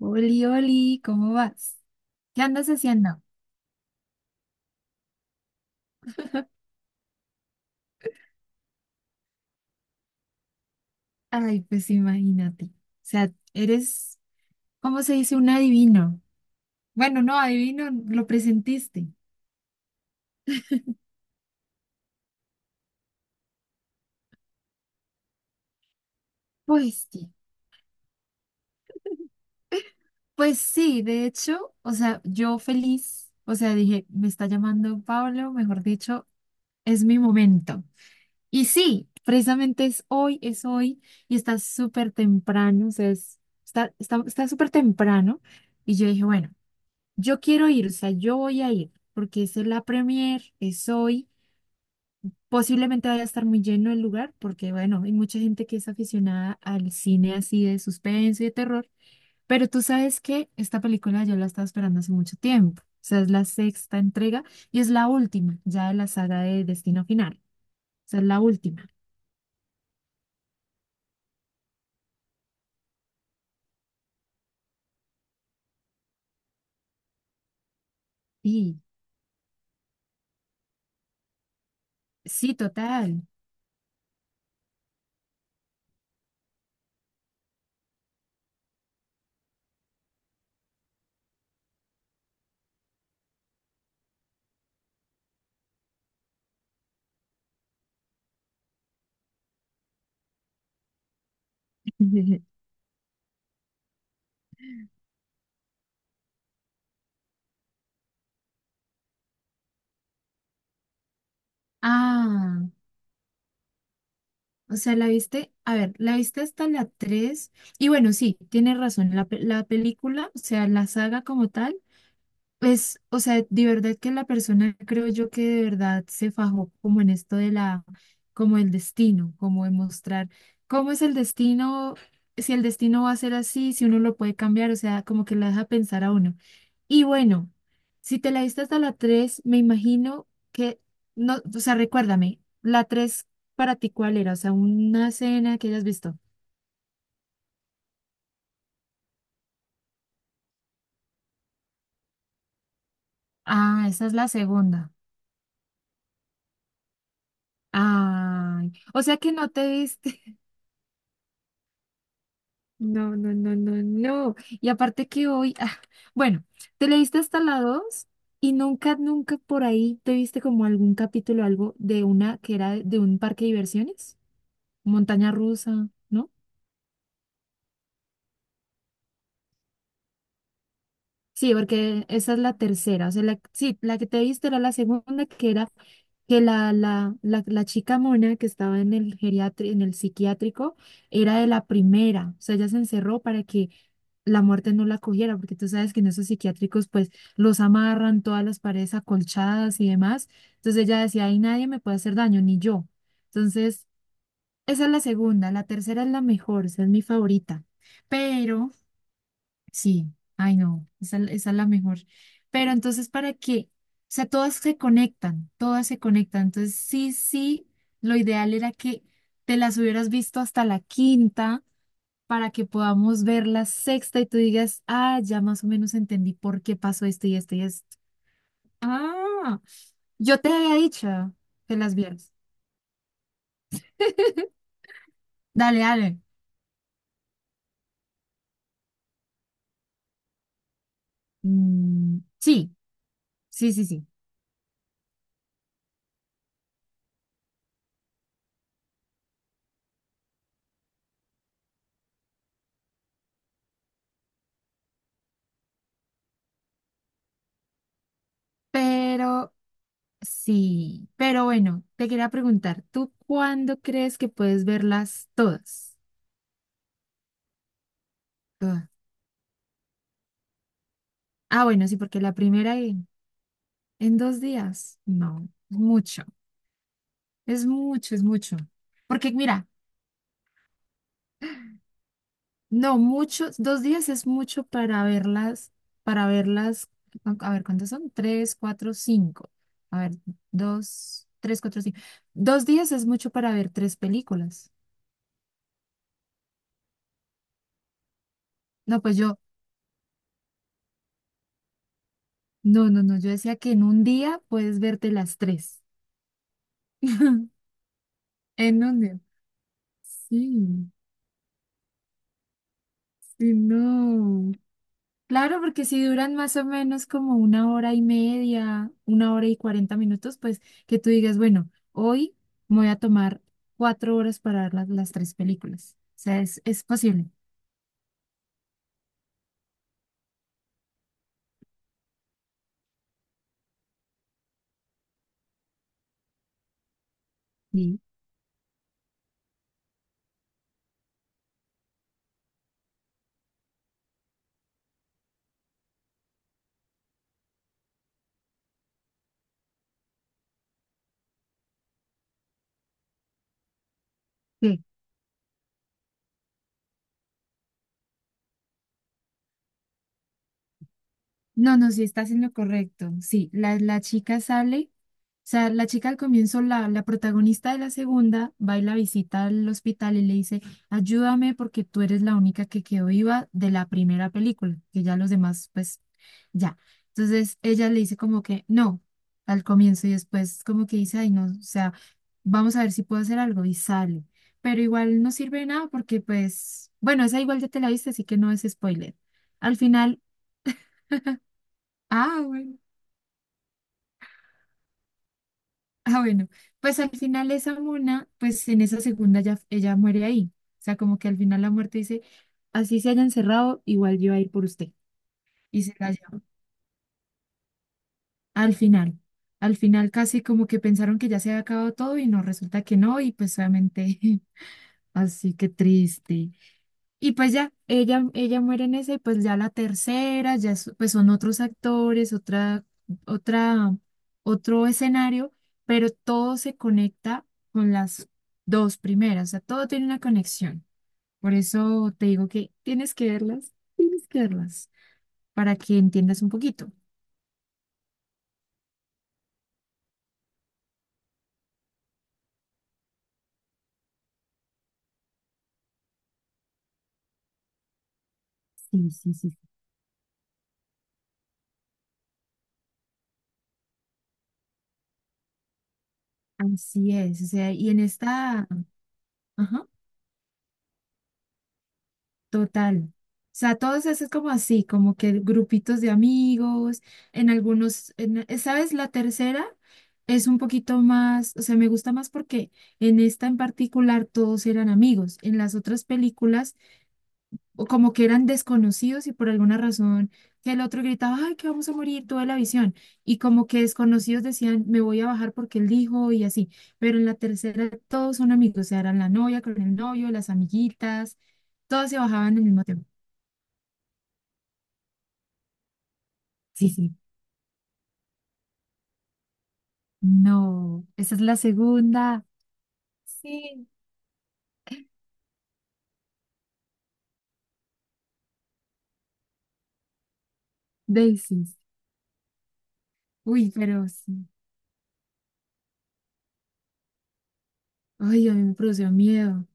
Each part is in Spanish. Oli, Oli, ¿cómo vas? ¿Qué andas haciendo? Ay, pues imagínate. O sea, eres, ¿cómo se dice? Un adivino. Bueno, no, adivino, lo presentiste. Pues sí. Pues sí, de hecho, o sea, yo feliz, o sea, dije, me está llamando Pablo, mejor dicho, es mi momento. Y sí, precisamente es hoy, y está súper temprano, o sea, está súper temprano. Y yo dije, bueno. Yo quiero ir, o sea, yo voy a ir, porque esa es la premier, es hoy. Posiblemente vaya a estar muy lleno el lugar, porque bueno, hay mucha gente que es aficionada al cine así de suspenso y de terror. Pero tú sabes que esta película yo la estaba esperando hace mucho tiempo. O sea, es la sexta entrega y es la última ya de la saga de Destino Final. O sea, es la última. Sí, sí, total. Ah. O sea, la viste, a ver, la viste hasta la 3. Y bueno, sí, tienes razón, la película, o sea, la saga como tal, es, o sea, de verdad que la persona creo yo que de verdad se fajó como en esto de la, como el destino, como de mostrar cómo es el destino, si el destino va a ser así, si uno lo puede cambiar, o sea, como que la deja pensar a uno. Y bueno, si te la diste hasta la 3 me imagino que, no, o sea, recuérdame, la 3 para ti cuál era, o sea, una escena que hayas visto. Ah, esa es la segunda. Ay, o sea que no te viste. No, no, no, no, no. Y aparte que hoy, ah, bueno, te leíste hasta la 2 y nunca, nunca por ahí te viste como algún capítulo, algo de una que era de un parque de diversiones, montaña rusa, ¿no? Sí, porque esa es la tercera. O sea, la, sí, la que te viste era la segunda, que era que la chica mona que estaba en el en el psiquiátrico, era de la primera. O sea, ella se encerró para que la muerte no la cogiera, porque tú sabes que en esos psiquiátricos, pues, los amarran todas las paredes acolchadas y demás. Entonces ella decía, ahí nadie me puede hacer daño, ni yo. Entonces, esa es la segunda. La tercera es la mejor, esa es mi favorita. Pero sí, ay no, esa es la mejor. Pero entonces, ¿para qué? O sea, todas se conectan, todas se conectan. Entonces, sí, sí, lo ideal era que te las hubieras visto hasta la quinta para que podamos ver la sexta y tú digas, ah, ya más o menos entendí por qué pasó esto y esto y esto. Ah, yo te había dicho que las vieras. Dale, dale. Mm, sí, sí, sí, sí. Pero sí, pero bueno, te quería preguntar, ¿tú cuándo crees que puedes verlas todas? Todas. Ah, bueno, sí, porque la primera en, dos días. No, mucho. Es mucho, es mucho. Porque mira, no, muchos, 2 días es mucho para verlas, para verlas, a ver, ¿cuántas son? Tres, cuatro, cinco. A ver, dos, tres, cuatro, cinco. 2 días es mucho para ver tres películas. No, pues yo, no, no, no, yo decía que en un día puedes verte las tres. ¿En dónde? Sí, sí, no. Claro, porque si duran más o menos como una hora y media, una hora y 40 minutos, pues que tú digas, bueno, hoy me voy a tomar 4 horas para ver las tres películas. O sea, es posible. ¿Sí? ¿Qué? No, no, sí, estás en lo correcto. Sí, la chica sale. Sea, la chica al comienzo, la protagonista de la segunda, va y la visita al hospital y le dice, ayúdame porque tú eres la única que quedó viva de la primera película, que ya los demás, pues, ya. Entonces ella le dice como que no al comienzo y después como que dice, ay, no, o sea, vamos a ver si puedo hacer algo y sale. Pero igual no sirve de nada porque pues, bueno, esa igual ya te la viste, así que no es spoiler. Al final, ah, bueno. Ah, bueno, pues al final esa mona, pues en esa segunda ya, ella muere ahí. O sea, como que al final la muerte dice, así se haya encerrado, igual yo voy a ir por usted. Y se la lleva. Al final, casi como que pensaron que ya se había acabado todo y no, resulta que no, y pues obviamente, así que triste. Y pues ya, ella muere en esa y pues ya la tercera, pues son otros actores, otra, otro escenario, pero todo se conecta con las dos primeras, o sea, todo tiene una conexión. Por eso te digo que tienes que verlas, para que entiendas un poquito. Sí, sí, sí. Así es, o sea, y en esta, ajá. Total. O sea, todos es como así, como que grupitos de amigos, en algunos, ¿sabes? La tercera es un poquito más, o sea, me gusta más porque en esta en particular todos eran amigos. En las otras películas, o como que eran desconocidos y por alguna razón que el otro gritaba, ay, que vamos a morir, toda la visión. Y como que desconocidos decían, me voy a bajar porque él dijo y así. Pero en la tercera todos son amigos, o sea, eran la novia con el novio, las amiguitas todos se bajaban al mismo tiempo. Sí, sí. No, esa es la segunda. Sí. Daisies. Uy, pero sí. Ay, a mí me produce miedo.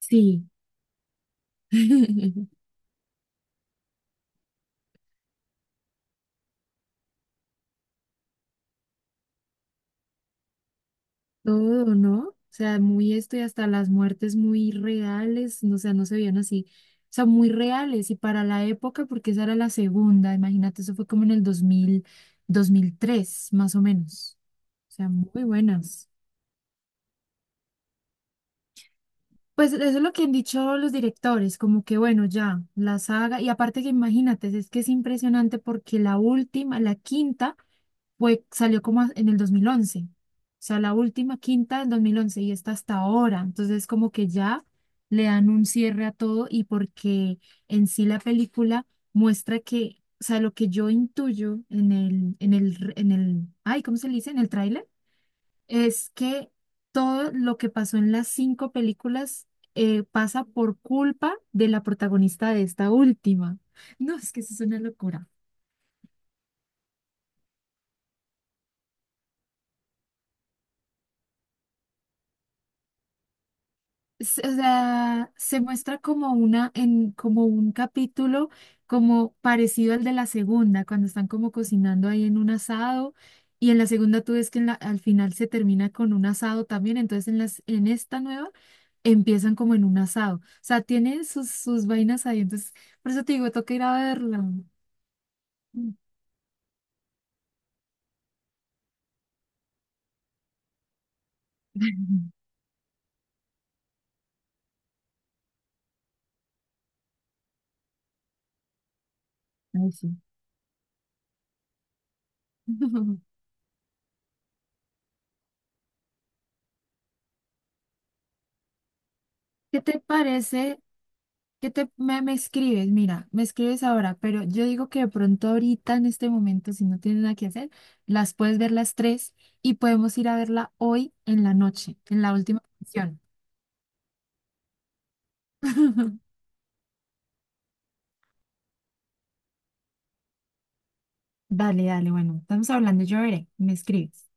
Sí. Todo, ¿no? O sea, muy esto y hasta las muertes muy reales, no, o sea, no se veían así. O sea, muy reales y para la época, porque esa era la segunda, imagínate, eso fue como en el 2003 más o menos. O sea, muy buenas. Pues eso es lo que han dicho los directores, como que bueno, ya, la saga, y aparte que imagínate, es que es impresionante porque la última, la quinta, salió como en el 2011, o sea, la última quinta del 2011 y está hasta ahora, entonces como que ya le dan un cierre a todo y porque en sí la película muestra que, o sea, lo que yo intuyo en el, ay, ¿cómo se le dice? En el tráiler es que todo lo que pasó en las cinco películas pasa por culpa de la protagonista de esta última. No, es que eso es una locura. O sea, se muestra como una, en, como un capítulo como parecido al de la segunda, cuando están como cocinando ahí en un asado, y en la segunda tú ves que en al final se termina con un asado también, entonces en en esta nueva empiezan como en un asado. O sea, tienen sus vainas ahí. Entonces, por eso te digo, toca ir a verla. Mm. Ay, sí. ¿Qué te parece? ¿Qué me escribes? Mira, me escribes ahora, pero yo digo que de pronto ahorita en este momento, si no tienes nada que hacer, las puedes ver las tres y podemos ir a verla hoy en la noche, en la última función. Dale, dale, bueno, estamos hablando, yo veré, me escribes.